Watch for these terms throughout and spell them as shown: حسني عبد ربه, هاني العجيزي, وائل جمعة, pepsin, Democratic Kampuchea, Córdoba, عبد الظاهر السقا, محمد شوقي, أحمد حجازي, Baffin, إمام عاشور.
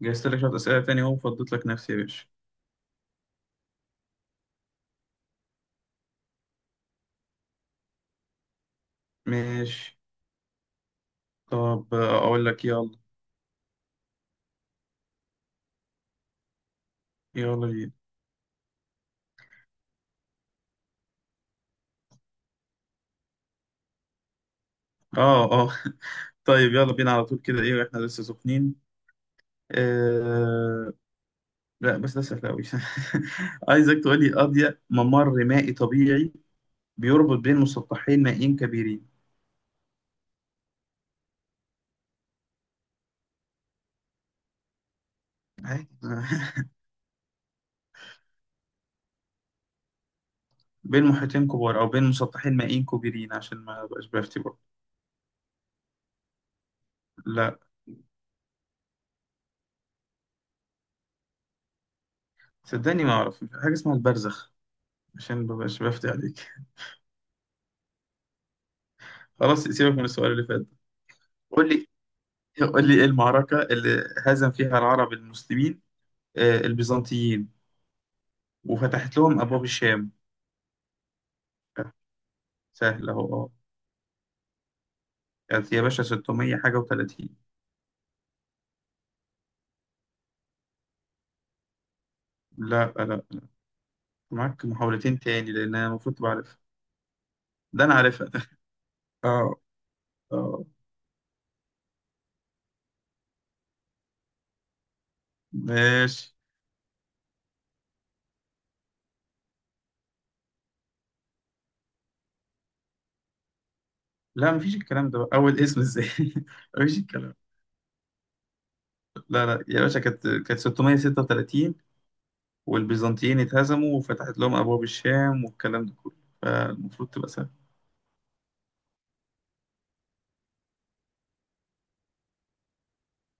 جهزت لك شوية أسئلة تاني أهو فضيت لك نفسي يا باشا. ماشي. طب أقول لك يلا. يلا بينا. آه، آه. طيب يلا بينا على طول كده إيه إحنا لسه سخنين. آه... لا بس ده سهل أوي. عايزك تقول لي أضيق ممر مائي طبيعي بيربط بين مسطحين مائيين كبيرين. عادي. بين محيطين كبار أو بين مسطحين مائيين كبيرين عشان ما بقاش بفتي برضه. لا، صدقني ما أعرف حاجة اسمها البرزخ. عشان ما بقاش بفتي عليك. خلاص سيبك من السؤال اللي فات ده. قول لي، قول لي ايه المعركة اللي هزم فيها العرب المسلمين، البيزنطيين، وفتحت لهم أبواب الشام. آه، سهل أهو، أه. كانت يا باشا 600 حاجة و30. لا، لا، معاك محاولتين تاني لأن أنا المفروض تبقى عارفها. ده أنا عارفها. أه، أه. ماشي. لا، مفيش الكلام ده بقى. أول اسم إزاي؟ مفيش الكلام ده. لا لا يا باشا، كانت 636، والبيزنطيين اتهزموا وفتحت لهم أبواب الشام والكلام ده كله. فالمفروض تبقى سهل.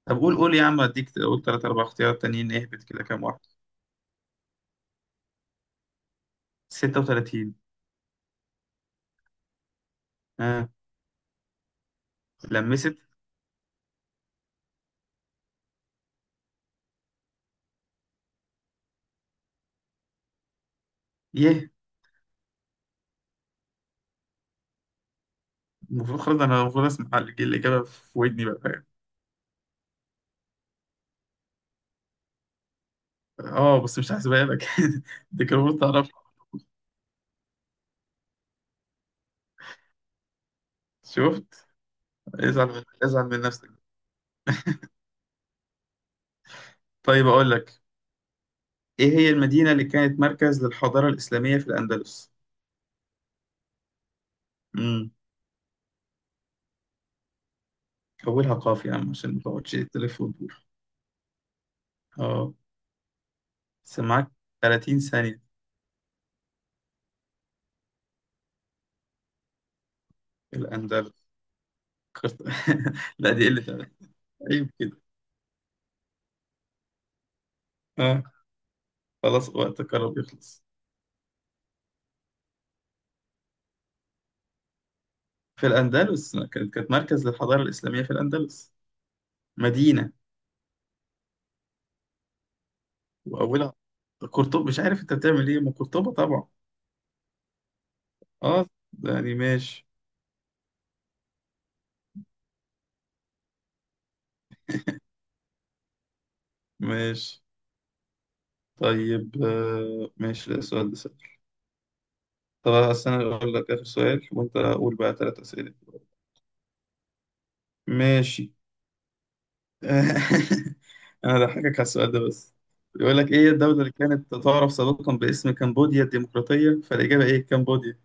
طب قول، قول يا عم، اديك قول تلات أربع اختيارات تانيين، اهبط كده كام واحد. 36. اه. لمست. يه. المفروض خلاص أنا المفروض أسمع الإجابة في ودني بقى، فاهم. اه، بس مش هحسبها لك. دي كان المفروض تعرفها. شفت. ازعل من نفسك. طيب أقول لك، إيه هي المدينة اللي كانت مركز للحضارة الإسلامية في الأندلس؟ امم حولها قاف يا عم عشان ما تقعدش تلف وتدور. اه، بس معاك 30 ثانية. الأندلس. فكرت- لا دي قلة أدب. عيب كده. آه. خلاص وقت قرب يخلص. في الأندلس كانت مركز للحضارة الإسلامية في الأندلس. مدينة. وأولها. قرطبة، مش عارف أنت بتعمل إيه، ما قرطبة طبعا. أه. يعني ماشي. ماشي طيب. ماشي، ده السؤال ده سهل. طب أصل أنا أقول لك آخر سؤال وأنت قول بقى ثلاث أسئلة. ماشي. أنا هضحكك على السؤال ده بس. بيقول لك إيه الدولة اللي كانت تعرف سابقا باسم كمبوديا الديمقراطية، فالإجابة إيه؟ كمبوديا.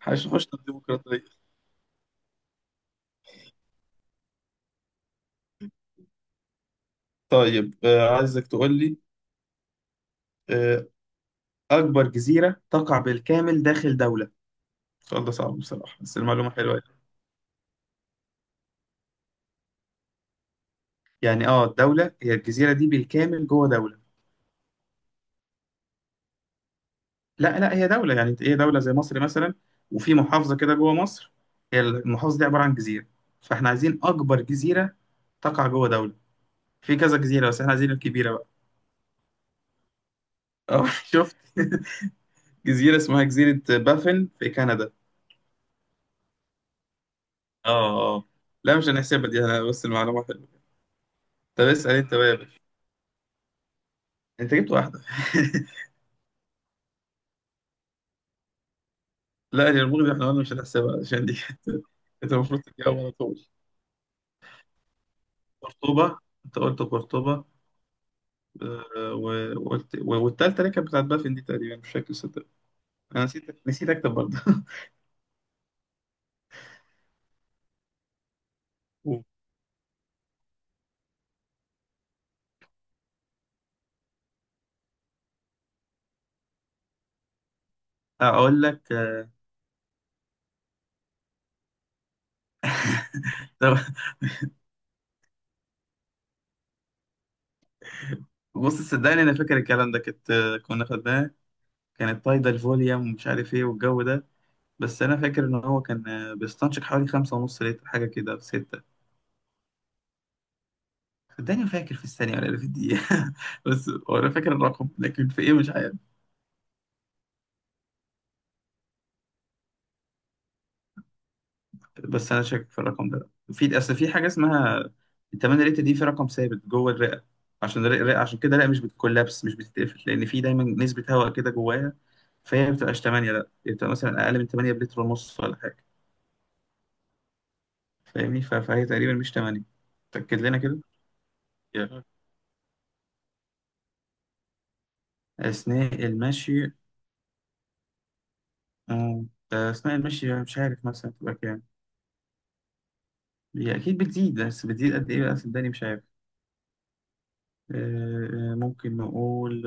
حشنا الديمقراطية. طيب عايزك تقول لي آه، أكبر جزيرة تقع بالكامل داخل دولة. السؤال ده صعب بصراحة بس المعلومة حلوة. يعني اه، الدولة هي الجزيرة دي بالكامل جوه دولة. لا لا، هي دولة، يعني هي دولة زي مصر مثلا. وفي محافظة كده جوه مصر، هي المحافظة دي عبارة عن جزيرة. فاحنا عايزين أكبر جزيرة تقع جوه دولة. في كذا جزيرة بس احنا عايزين الكبيرة بقى. اه. شفت. جزيرة اسمها جزيرة بافن في كندا. اه، اه. لا مش هنحسبها دي انا، بس المعلومة حلوة. طب اسأل انت بقى يا باشا. انت جبت واحدة. لا يا المغرب، احنا قلنا مش هنحسبها عشان دي. انت المفروض تجاوب على طول. قرطبة. انت قلت قرطبة. وقلت والتالتة اللي كانت بتاعت بافن دي تقريبا مش فاكر صدق. انا نسيت، اكتب برضه. اقول لك. طب بص صدقني انا فاكر الكلام ده، كنت آه، كنا خدناه. كانت طايدة الفوليوم ومش عارف ايه والجو ده. بس انا فاكر ان هو كان بيستنشق حوالي خمسة ونص لتر حاجة كده، في ستة. صدقني ما فاكر في الثانية ولا في الدقيقة. بس هو انا فاكر الرقم لكن في ايه مش عارف. بس انا شاكك في الرقم ده، في اصل في حاجه اسمها التمانية ريت دي، في رقم ثابت جوه الرئه. عشان الرئه عشان كده الرئه مش بتكولابس، مش بتتقفل، لان في دايما نسبه هواء كده جواها. فهي ما بتبقاش 8، لا هي بتبقى مثلا اقل من 8 بلتر ونص ولا حاجه. فاهمني؟ فهي تقريبا مش 8. تاكد لنا كده. يا. اثناء المشي. آه، اثناء المشي يعني مش عارف مثلا تبقى كام. هي اكيد بتزيد بس بتزيد قد ايه بقى، صدقني مش عارف. ممكن نقول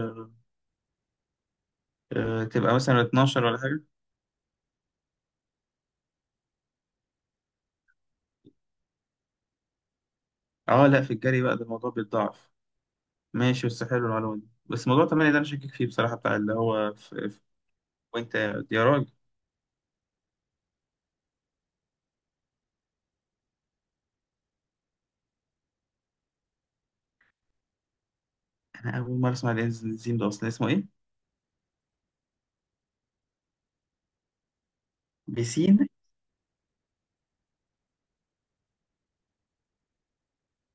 تبقى مثلا 12 ولا حاجه. اه لا، في الجري بقى ده الموضوع بيتضاعف. ماشي، بس حلو المعلومة دي، بس موضوع تمانية ده أنا شاكك فيه بصراحة، بتاع اللي هو في وأنت، يا راجل. أنا أول مرة أسمع الإنزيم ده أصلا، اسمه إيه؟ بيسين.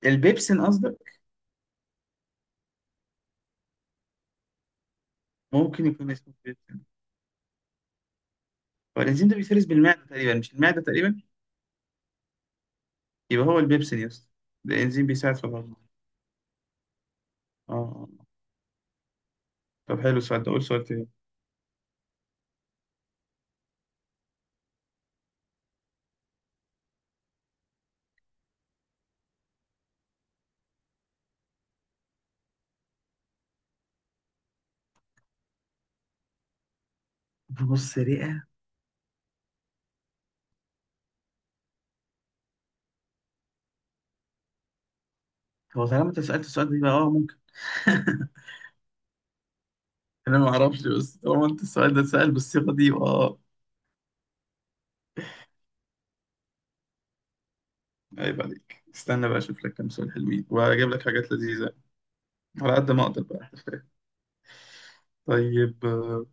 البيبسين قصدك. ممكن يكون اسمه بيبسين. هو الإنزيم ده بيفرز بالمعدة تقريبا، مش المعدة تقريبا. يبقى هو البيبسين يا اسطى. ده إنزيم بيساعد في الهضم. اه، آه. آه. طب حلو السؤال ده، قول سؤال تاني. بص رئة. هو طالما أنت سألت السؤال ده يبقى اه ممكن. أنا ما أعرفش، بس طالما أنت السؤال ده اتسأل بالصيغة دي يبقى اه. عيب عليك، استنى بقى اشوف لك كام سؤال حلوين واجيب لك حاجات لذيذه على قد ما اقدر بقى. طيب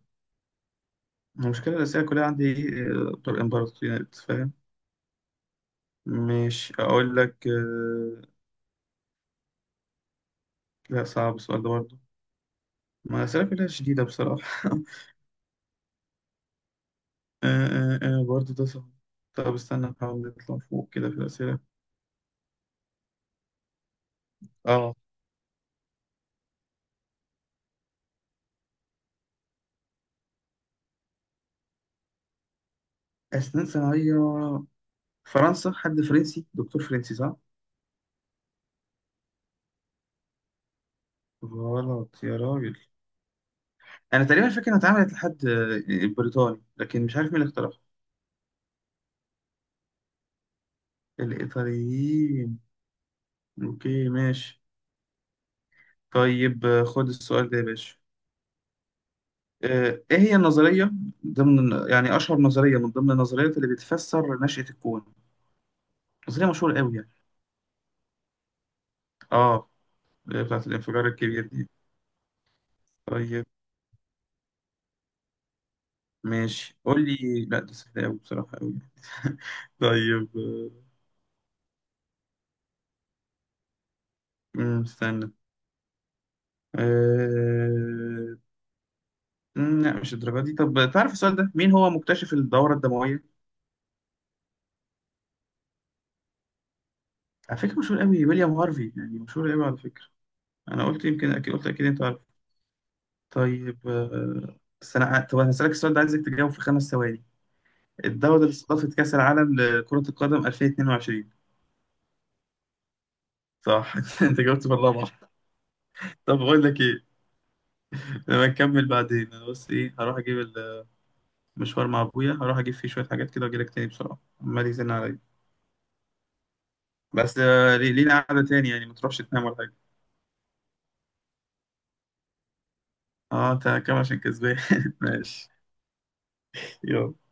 المشكله الاساسيه كلها عندي بتوع الامبراطوريات، فاهم. مش اقول لك. لا صعب السؤال ده برضه. ما الاسئله كلها شديده بصراحه. برضه ده صعب. طب استنى نحاول نطلع فوق كده في الاسئله. اه. اسنان صناعيه. فرنسا، حد فرنسي، دكتور فرنسي، صح؟ غلط يا راجل. انا تقريبا فاكر انها اتعملت لحد بريطاني، لكن مش عارف مين اللي اخترعها. الإيطاليين. أوكي ماشي. طيب خد السؤال ده يا باشا. إيه هي النظرية ضمن، يعني أشهر نظرية من ضمن النظريات اللي بتفسر نشأة الكون؟ نظرية مشهورة أوي يعني. آه. اللي هي بتاعت الانفجار الكبير دي. طيب. ماشي قول لي. لا ده سهل أوي بصراحة أوي. طيب استنى. آه، لا مش الدرجة دي. طب تعرف السؤال ده، مين هو مكتشف الدورة الدموية؟ على فكرة مشهور أوي، ويليام هارفي، يعني مشهور أوي على فكرة. انا قلت يمكن اكيد، قلت اكيد انت عارف. طيب. طب انا هسألك السؤال ده، عايزك تجاوب في 5 ثواني. الدولة اللي استضافت كأس العالم لكرة القدم 2022. صح. انت جاوبت بالرابعة. طب بقول لك ايه. لما نكمل بعدين انا، بس ايه، هروح اجيب المشوار مع ابويا، هروح اجيب فيه شوية حاجات كده واجي لك تاني بسرعة، عمال يزن عليا. بس لينا قعدة تاني يعني، ما تروحش تنام ولا حاجة. اه انت كام عشان كسبان؟ ماشي. يلا